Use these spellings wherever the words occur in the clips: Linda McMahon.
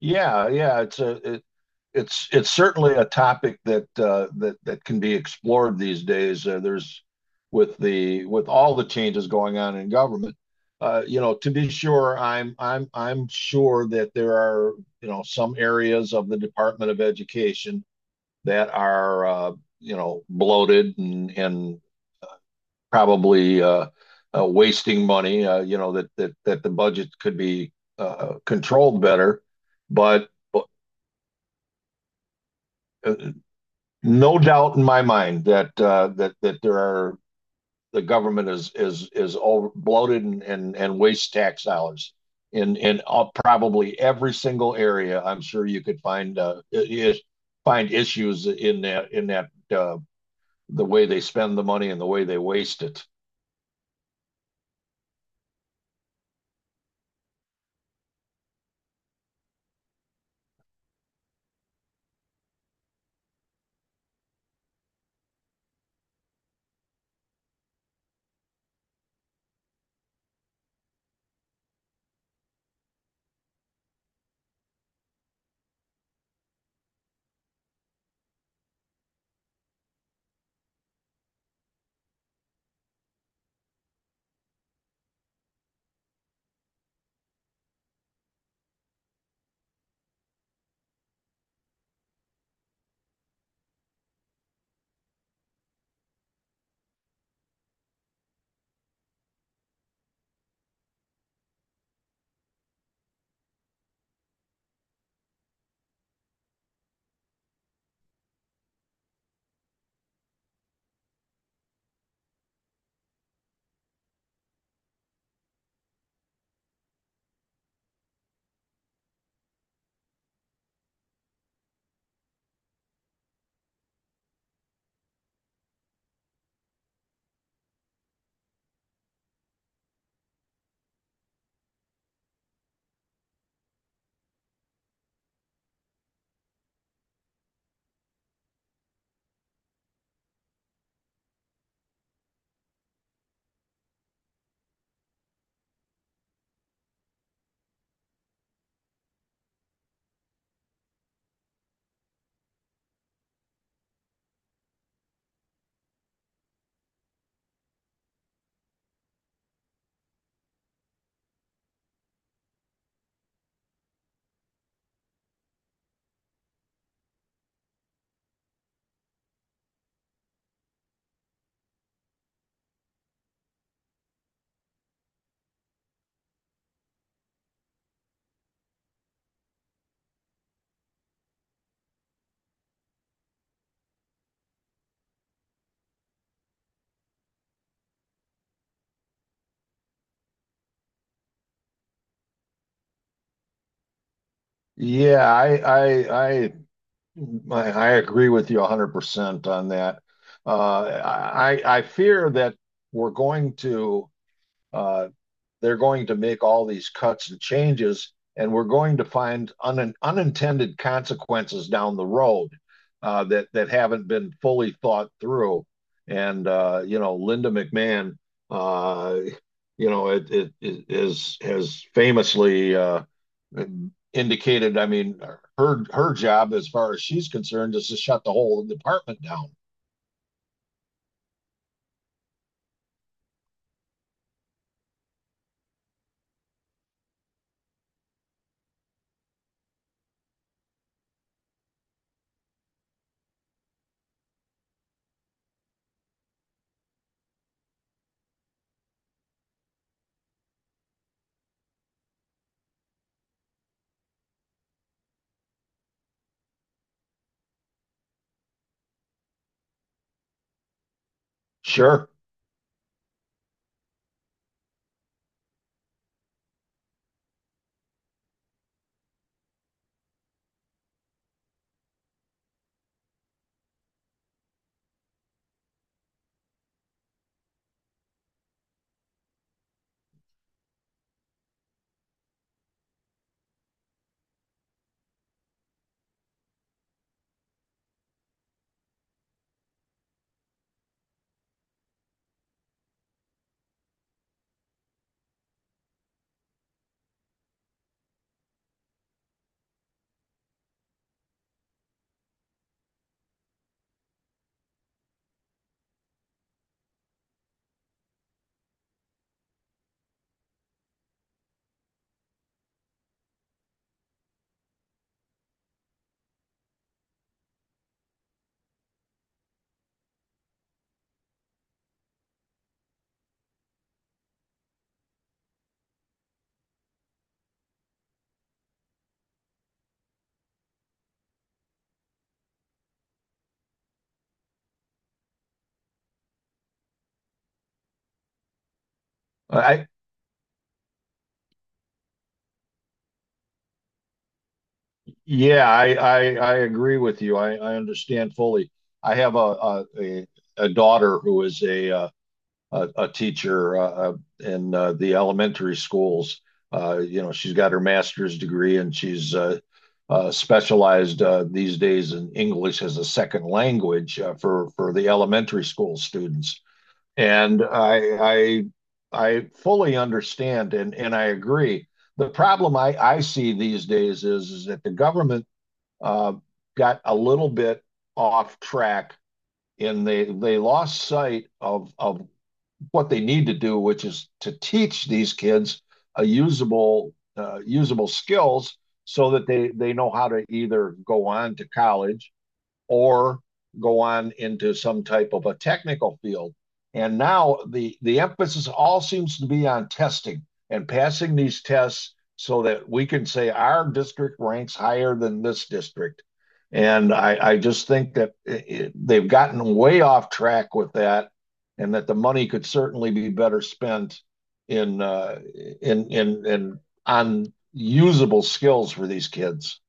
Yeah, yeah, it's certainly a topic that that can be explored these days. There's with the with all the changes going on in government. To be sure, I'm sure that there are some areas of the Department of Education that are bloated and probably wasting money. That that the budget could be controlled better, but no doubt in my mind that that there are the government is over bloated and wastes tax dollars in probably every single area. I'm sure you could find find issues in that the way they spend the money and the way they waste it. Yeah, I agree with you 100% on that. I fear that we're going to uh, they're going to make all these cuts and changes, and we're going to find unintended consequences down the road that haven't been fully thought through. And Linda McMahon, uh, it is has famously indicated. I mean, her job, as far as she's concerned, is to shut the whole department down. Sure, I Yeah, I agree with you. I understand fully. I have a daughter who is a teacher in the elementary schools. She's got her master's degree and she's specialized these days in English as a second language for the elementary school students. And I fully understand and I agree. The problem I see these days is that the government uh, got a little bit off track and they lost sight of what they need to do, which is to teach these kids a usable usable skills so that they know how to either go on to college or go on into some type of a technical field. And now the emphasis all seems to be on testing and passing these tests so that we can say our district ranks higher than this district. And I just think that they've gotten way off track with that, and that the money could certainly be better spent in in on usable skills for these kids.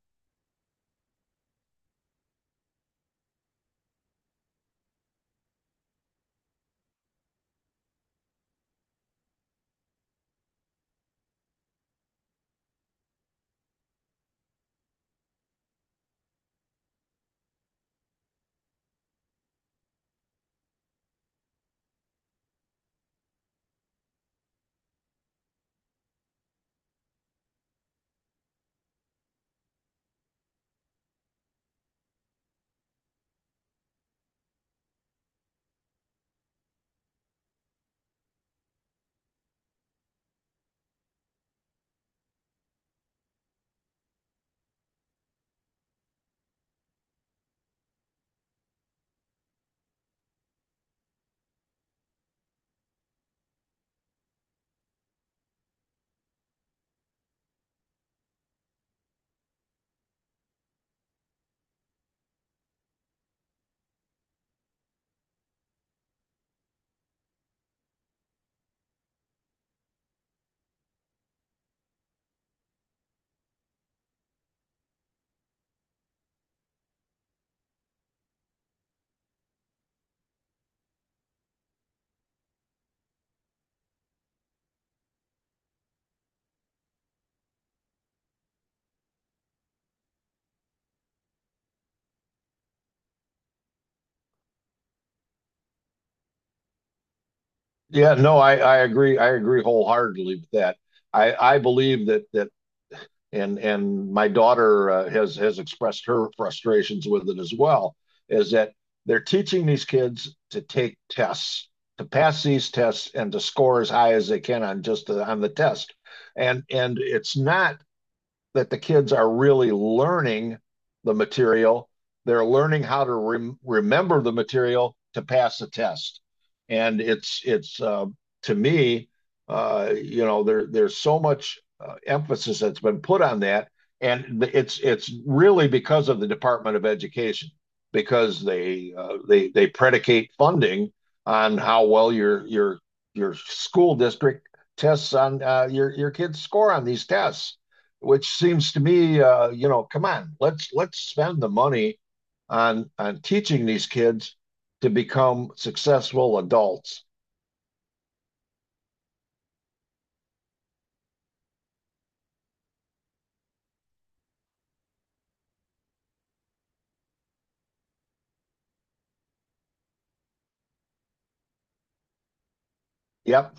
Yeah, no, I agree. I agree wholeheartedly with that. I believe that that and my daughter has expressed her frustrations with it as well, is that they're teaching these kids to take tests, to pass these tests and to score as high as they can on on the test. And it's not that the kids are really learning the material. They're learning how to remember the material to pass the test. And it's to me, there there's so much emphasis that's been put on that, and it's really because of the Department of Education because they predicate funding on how well your school district tests on your kids score on these tests which seems to me, come on, let's spend the money on teaching these kids to become successful adults. Yep.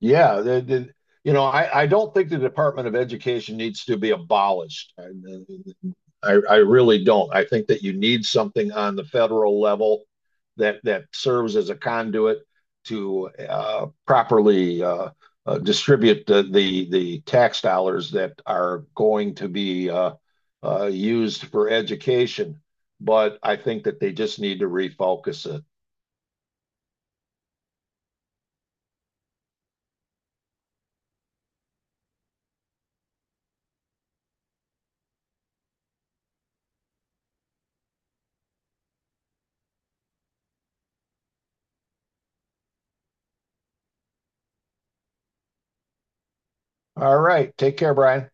Yeah, I don't think the Department of Education needs to be abolished. I really don't. I think that you need something on the federal level that that serves as a conduit to properly distribute the tax dollars that are going to be used for education. But I think that they just need to refocus it. All right, take care, Brian.